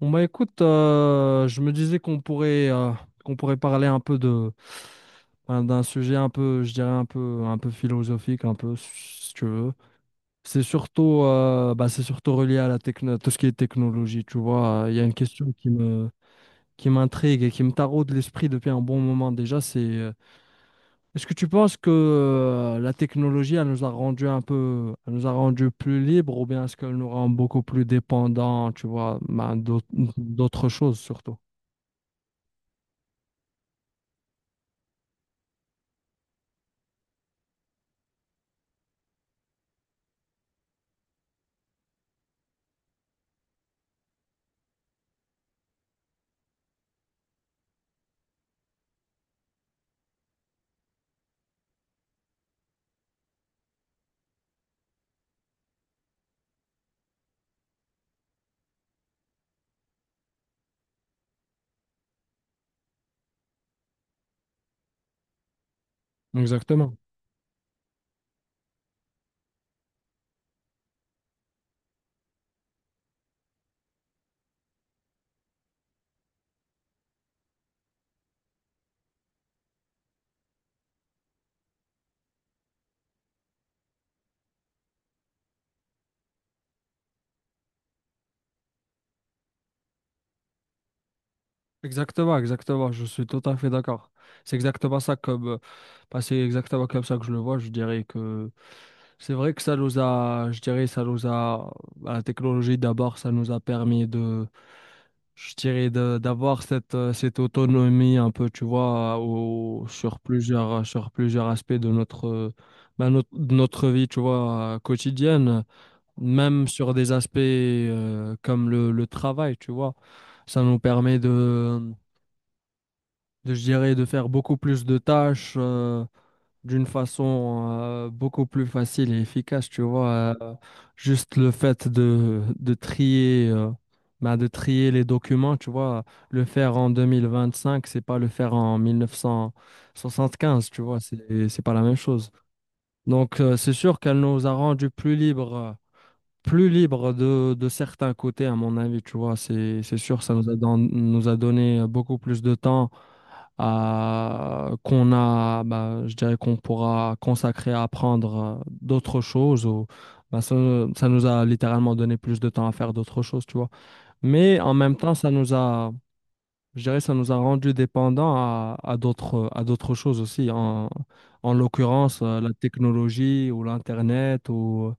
Bon bah écoute, je me disais qu'on pourrait parler un peu de enfin, d'un sujet un peu, je dirais un peu philosophique, un peu si tu veux. C'est surtout bah, c'est surtout relié à la techno, tout ce qui est technologie, tu vois. Il y a une question qui m'intrigue et qui me taraude l'esprit depuis un bon moment déjà. C'est est-ce que tu penses que la technologie elle nous a rendu un peu, elle nous a rendu plus libres ou bien est-ce qu'elle nous rend beaucoup plus dépendants, tu vois, bah, d'autres choses surtout? Exactement. Exactement, exactement. Je suis tout à fait d'accord. C'est exactement ça comme, bah, c'est exactement comme ça que je le vois. Je dirais que c'est vrai que ça nous a, je dirais, ça nous a, bah, la technologie d'abord, ça nous a permis de, je dirais, d'avoir cette, cette autonomie un peu, tu vois, sur plusieurs aspects de notre, bah, de notre vie, tu vois, quotidienne. Même sur des aspects comme le travail, tu vois. Ça nous permet de, je dirais, de faire beaucoup plus de tâches d'une façon beaucoup plus facile et efficace, tu vois. Euh, juste le fait de trier, bah, de trier les documents, tu vois. Le faire en 2025, c'est pas le faire en 1975, tu vois. C'est pas la même chose. Donc, c'est sûr qu'elle nous a rendus plus libres. Plus libre de certains côtés, à mon avis, tu vois, c'est sûr, ça nous a, nous a donné beaucoup plus de temps à, qu'on a, bah, je dirais qu'on pourra consacrer à apprendre d'autres choses ou bah, ça nous a littéralement donné plus de temps à faire d'autres choses, tu vois. Mais en même temps, ça nous a, je dirais, ça nous a rendu dépendants à d'autres choses aussi, en, en l'occurrence, la technologie ou l'Internet ou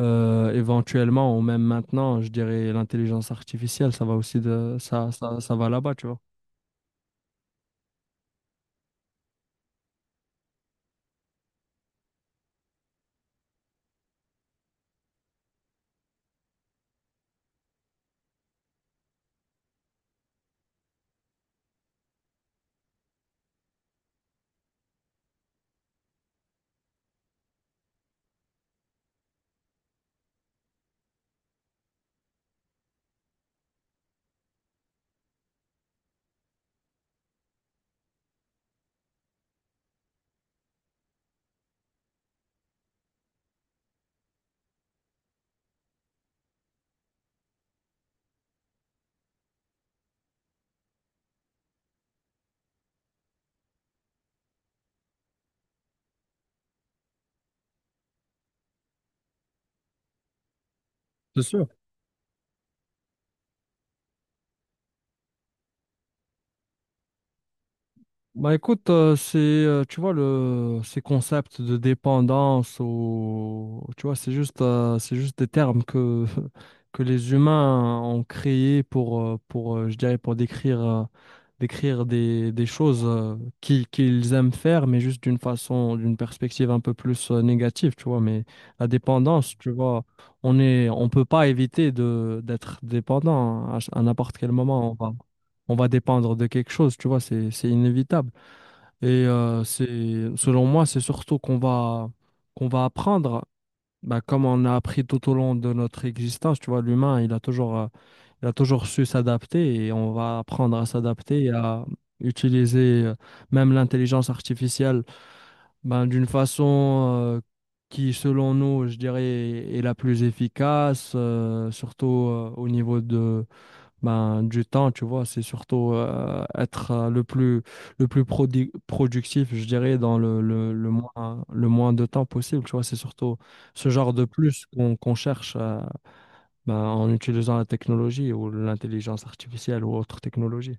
éventuellement, ou même maintenant, je dirais l'intelligence artificielle, ça va aussi de ça, ça, ça va là-bas, tu vois. C'est sûr. Bah écoute, c'est tu vois le ces concepts de dépendance ou tu vois c'est juste des termes que que les humains ont créés pour je dirais pour décrire décrire des choses qu'ils qu'ils aiment faire mais juste d'une façon d'une perspective un peu plus négative, tu vois, mais la dépendance, tu vois, on est on peut pas éviter de d'être dépendant à, à n'importe quel moment on va dépendre de quelque chose, tu vois, c'est inévitable et c'est, selon moi, c'est surtout qu'on va apprendre, bah, comme on a appris tout au long de notre existence, tu vois, l'humain, il a toujours su s'adapter et on va apprendre à s'adapter et à utiliser même l'intelligence artificielle ben, d'une façon qui, selon nous, je dirais, est la plus efficace, surtout au niveau ben, du temps, tu vois, c'est surtout être le plus productif, je dirais, dans le, le moins de temps possible, tu vois, c'est surtout ce genre de plus qu'on cherche ben, en utilisant la technologie ou l'intelligence artificielle ou autre technologie.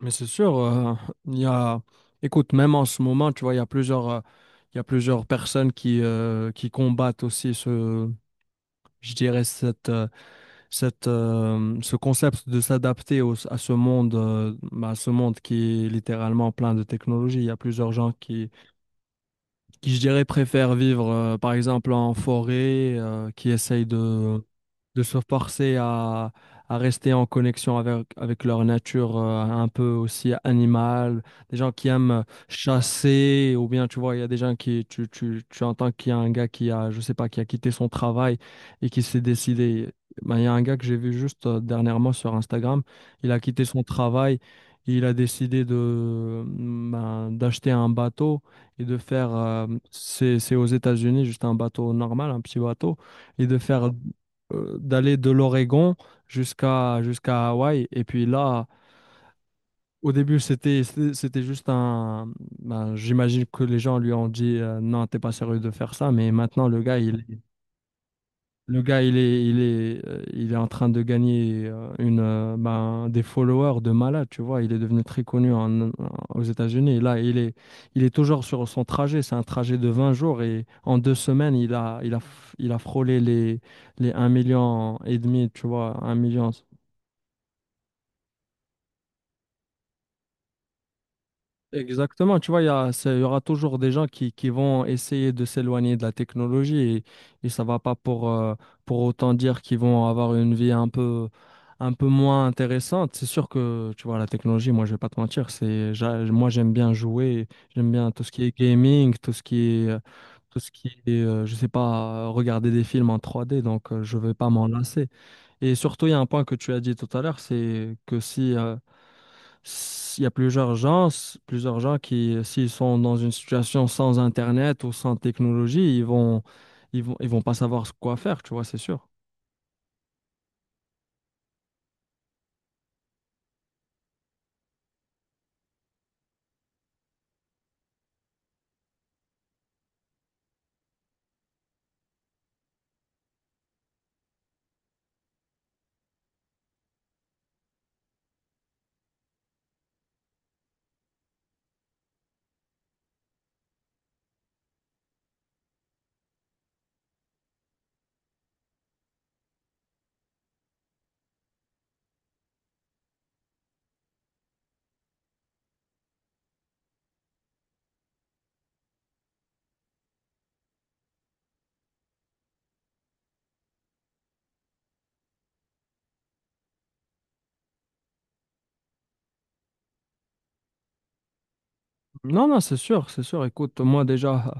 Mais c'est sûr, il y a, écoute, même en ce moment, tu vois, il y a plusieurs, il y a plusieurs personnes qui combattent aussi ce, je dirais, cette, cette, ce concept de s'adapter à ce monde, bah, ce monde qui est littéralement plein de technologies. Il y a plusieurs gens qui, je dirais, préfèrent vivre, par exemple, en forêt, qui essayent de se forcer à rester en connexion avec, avec leur nature, un peu aussi animale. Des gens qui aiment chasser, ou bien, tu vois, il y a des gens qui, tu entends qu'il y a un gars qui a, je sais pas, qui a quitté son travail et qui s'est décidé. Ben, il y a un gars que j'ai vu juste dernièrement sur Instagram, il a quitté son travail, il a décidé de, ben, d'acheter un bateau et de faire, c'est aux États-Unis, juste un bateau normal, un petit bateau, et de faire, d'aller de l'Oregon jusqu'à Hawaï. Et puis là, au début, c'était, c'était c'était juste un, ben, j'imagine que les gens lui ont dit, non, t'es pas sérieux de faire ça, mais maintenant, le gars, il est, il est, il est en train de gagner ben, des followers de malade, tu vois. Il est devenu très connu aux États-Unis. Et là, il est toujours sur son trajet. C'est un trajet de 20 jours et en 2 semaines, il a, il a frôlé les 1,5 million, tu vois, 1 million. Exactement, tu vois, il y aura toujours des gens qui vont essayer de s'éloigner de la technologie et ça va pas pour, pour autant dire qu'ils vont avoir une vie un peu moins intéressante. C'est sûr que, tu vois, la technologie, moi, je vais pas te mentir, c'est, moi, j'aime bien jouer, j'aime bien tout ce qui est gaming, tout ce qui est, tout ce qui est, je sais pas, regarder des films en 3D, donc je vais pas m'en lasser. Et surtout, il y a un point que tu as dit tout à l'heure, c'est que si il y a plusieurs gens, plusieurs gens qui, s'ils sont dans une situation sans Internet ou sans technologie, ils vont, ils vont pas savoir quoi faire, tu vois, c'est sûr. Non, non, c'est sûr, c'est sûr. Écoute, moi déjà,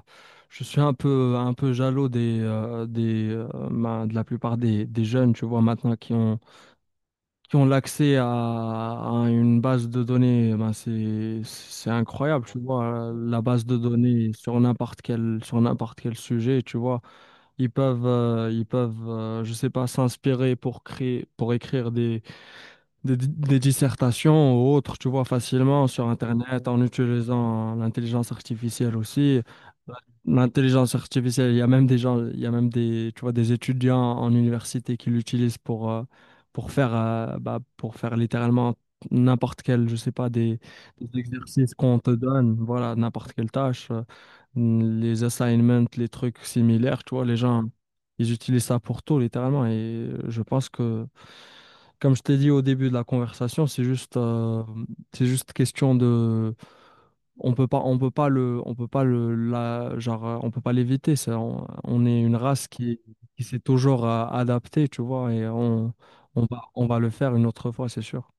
je suis un peu jaloux des, ben, de la plupart des jeunes, tu vois, maintenant qui ont l'accès à une base de données. Ben, c'est incroyable, tu vois, la base de données sur n'importe quel sujet, tu vois. Ils peuvent, je sais pas, s'inspirer pour créer, pour écrire des, des dissertations ou autres, tu vois, facilement sur Internet en utilisant l'intelligence artificielle aussi. L'intelligence artificielle, il y a même des gens, il y a même des, tu vois, des étudiants en université qui l'utilisent pour faire, bah, pour faire littéralement n'importe quel, je sais pas, des exercices qu'on te donne, voilà, n'importe quelle tâche. Les assignments, les trucs similaires, tu vois, les gens, ils utilisent ça pour tout, littéralement. Et je pense que, comme je t'ai dit au début de la conversation, c'est juste question de, on peut pas on peut pas genre, on peut pas l'éviter. On est une race qui s'est toujours adaptée, tu vois, et on, on va le faire une autre fois, c'est sûr.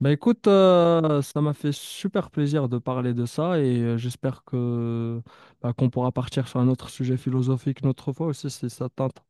Bah écoute, ça m'a fait super plaisir de parler de ça et j'espère que bah, qu'on pourra partir sur un autre sujet philosophique une autre fois aussi si ça t'intéresse.